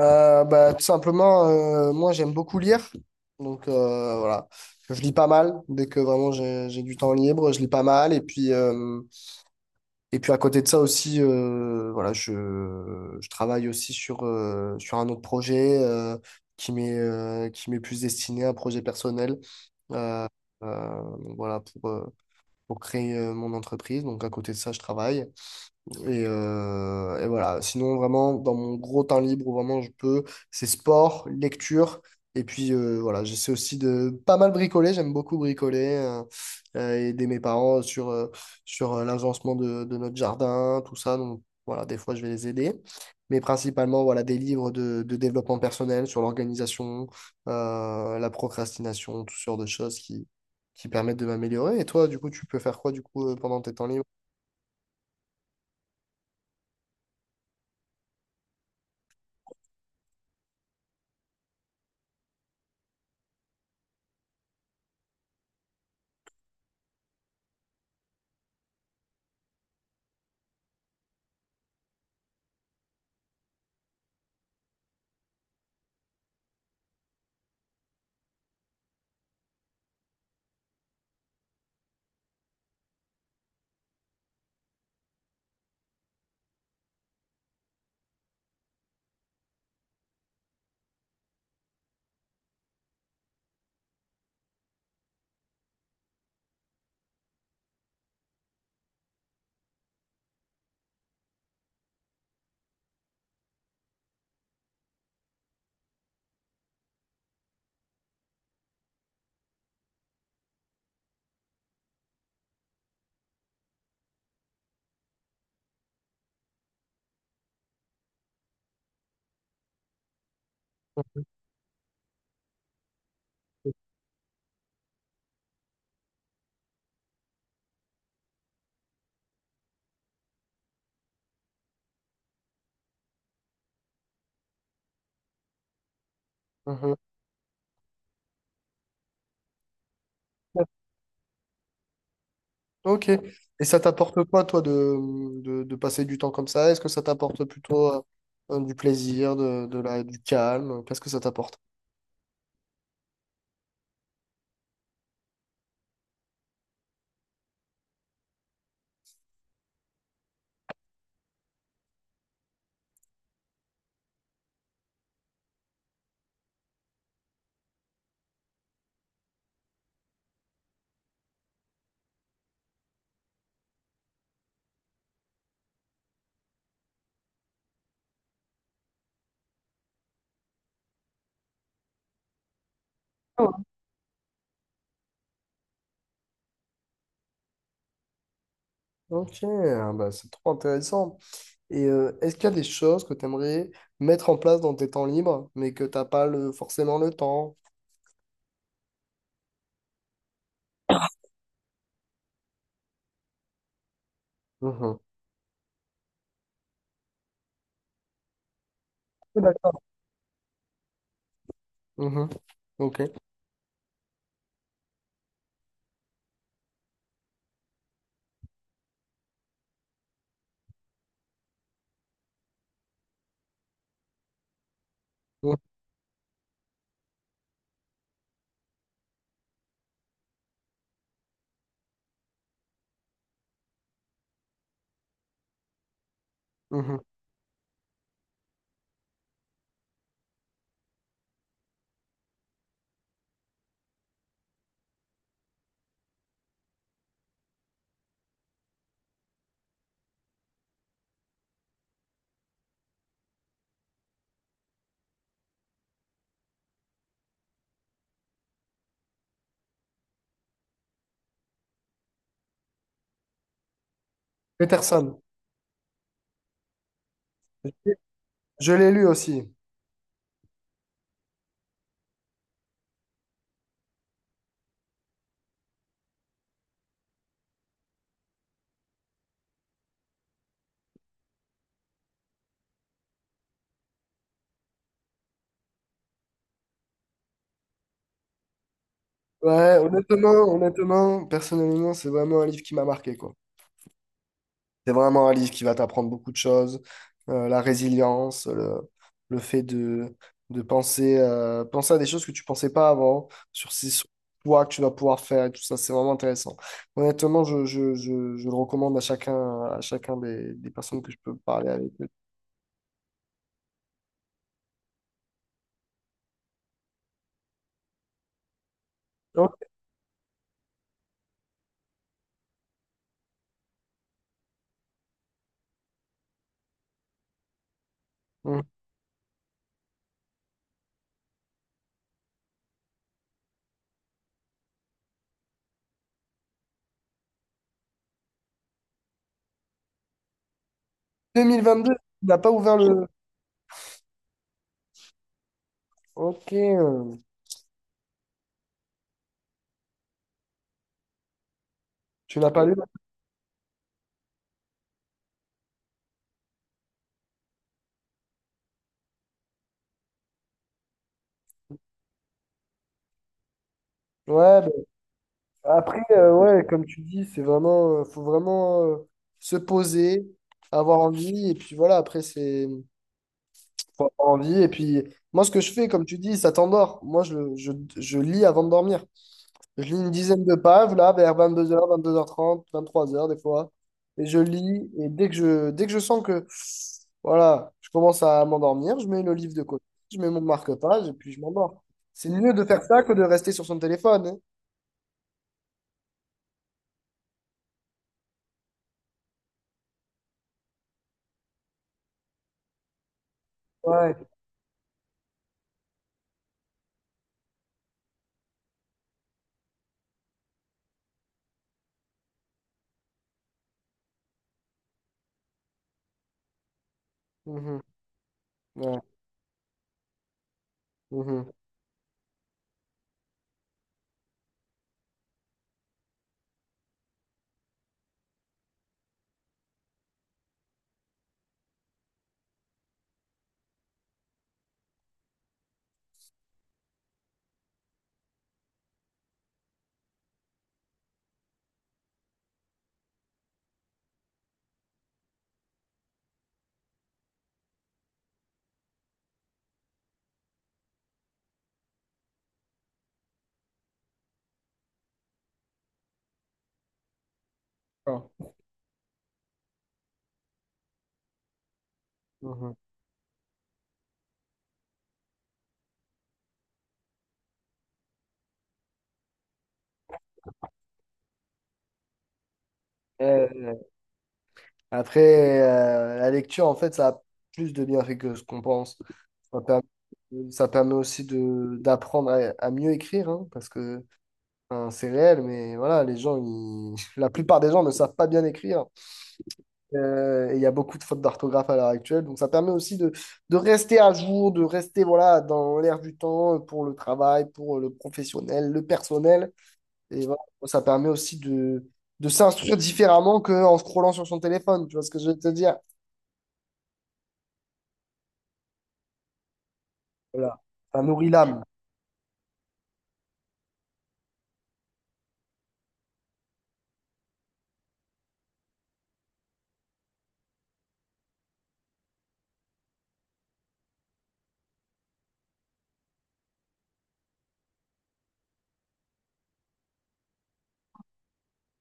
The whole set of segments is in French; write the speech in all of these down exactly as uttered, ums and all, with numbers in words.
Euh, bah, tout simplement, euh, moi j'aime beaucoup lire. Donc euh, voilà, je lis pas mal. Dès que vraiment j'ai j'ai du temps libre, je lis pas mal. Et puis, euh, et puis à côté de ça aussi, euh, voilà, je, je travaille aussi sur, euh, sur un autre projet euh, qui m'est euh, qui m'est plus destiné à un projet personnel. Euh, euh, donc voilà, pour, euh, pour créer euh, mon entreprise. Donc à côté de ça, je travaille. Et, euh, et voilà. Sinon, vraiment, dans mon gros temps libre où vraiment je peux, c'est sport, lecture. Et puis euh, voilà, j'essaie aussi de pas mal bricoler. J'aime beaucoup bricoler, euh, euh, aider mes parents sur, euh, sur euh, l'agencement de, de notre jardin, tout ça. Donc voilà, des fois je vais les aider. Mais principalement, voilà, des livres de, de développement personnel sur l'organisation, euh, la procrastination, toutes sortes de choses qui, qui permettent de m'améliorer. Et toi, du coup, tu peux faire quoi du coup euh, pendant tes temps libres? Mhm. Ok. Et ça t'apporte quoi, toi, de, de, de passer du temps comme ça? Est-ce que ça t'apporte plutôt euh, euh, du plaisir, de, de la, du calme? Qu'est-ce que ça t'apporte? Ok, ah bah c'est trop intéressant. Et euh, est-ce qu'il y a des choses que tu aimerais mettre en place dans tes temps libres, mais que t'as pas le, forcément le temps? Mhm. Oui, d'accord. Mhm. Ok. Mhm. Mhm. Peterson. Je l'ai lu aussi. Ouais, honnêtement, honnêtement, personnellement, c'est vraiment un livre qui m'a marqué, quoi. C'est vraiment un livre qui va t'apprendre beaucoup de choses. Euh, la résilience, le, le fait de, de penser, euh, penser à des choses que tu pensais pas avant, sur ces sur toi que tu vas pouvoir faire et tout ça, c'est vraiment intéressant. Honnêtement, je, je, je, je le recommande à chacun, à chacun des, des personnes que je peux parler avec. Oh, hmm. deux mille vingt-deux, tu n'as pas ouvert le… Ok, euh, tu n'as pas lu? Ouais, bah, Après, euh, ouais, comme tu dis, c'est vraiment, euh, faut vraiment euh, se poser, avoir envie, et puis voilà, après, c'est, faut avoir envie, et puis, moi, ce que je fais, comme tu dis, ça t'endort. Moi, je, je, je lis avant de dormir. Je lis une dizaine de pages, là, vers vingt-deux heures, vingt-deux heures trente, vingt-trois heures, des fois, et je lis, et dès que je, dès que je sens que, voilà, je commence à m'endormir, je mets le livre de côté, je mets mon marque-page, et puis je m'endors. C'est mieux de faire ça que de rester sur son téléphone, hein. Ouais. Mhm. Ouais. Mhm. D'accord. Mhm. Euh, après, euh, la lecture, en fait, ça a plus de bienfaits que ce qu'on pense. Ça permet, euh, ça permet aussi de d'apprendre à, à mieux écrire, hein, parce que hein, c'est réel, mais voilà, les gens, ils- la plupart des gens ne savent pas bien écrire. Euh, et il y a beaucoup de fautes d'orthographe à l'heure actuelle. Donc, ça permet aussi de, de rester à jour, de rester voilà, dans l'air du temps pour le travail, pour le professionnel, le personnel. Et voilà, ça permet aussi de, de s'instruire différemment qu'en scrollant sur son téléphone, tu vois ce que je veux te dire? Voilà, ça nourrit l'âme.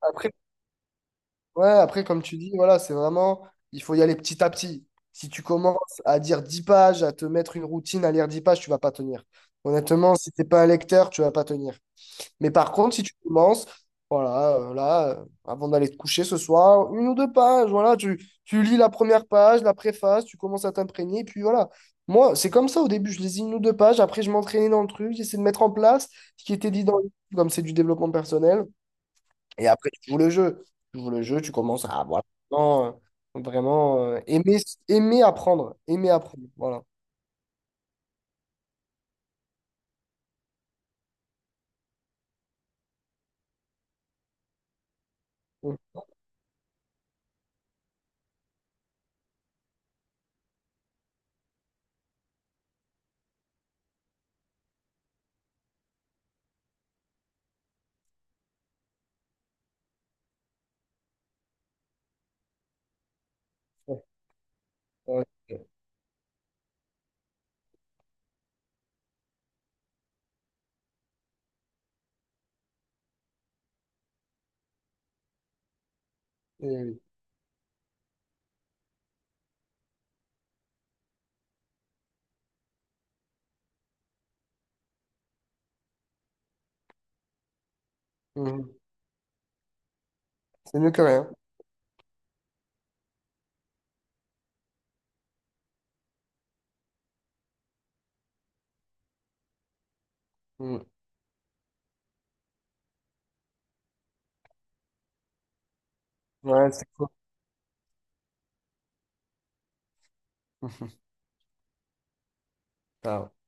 Après, ouais, après, comme tu dis, voilà, c'est vraiment, il faut y aller petit à petit. Si tu commences à dire dix pages, à te mettre une routine, à lire dix pages, tu vas pas tenir. Honnêtement, si t'es pas un lecteur, tu vas pas tenir. Mais par contre, si tu commences, voilà, euh, là, euh, avant d'aller te coucher ce soir, une ou deux pages, voilà, tu, tu lis la première page, la préface, tu commences à t'imprégner, puis voilà. Moi, c'est comme ça au début, je lisais une ou deux pages, après je m'entraînais dans le truc, j'essayais de mettre en place ce qui était dit dans le livre, comme c'est du développement personnel, et après tu joues le jeu. Tu joues le jeu, tu commences à voilà, vraiment, euh, vraiment, euh, aimer, aimer apprendre, aimer apprendre, voilà. Mhm. Ouais, ouais, ouais. Eh oui. Mhm. C'est mieux que rien. Mhm. Ouais, c'est cool. Ah ouais.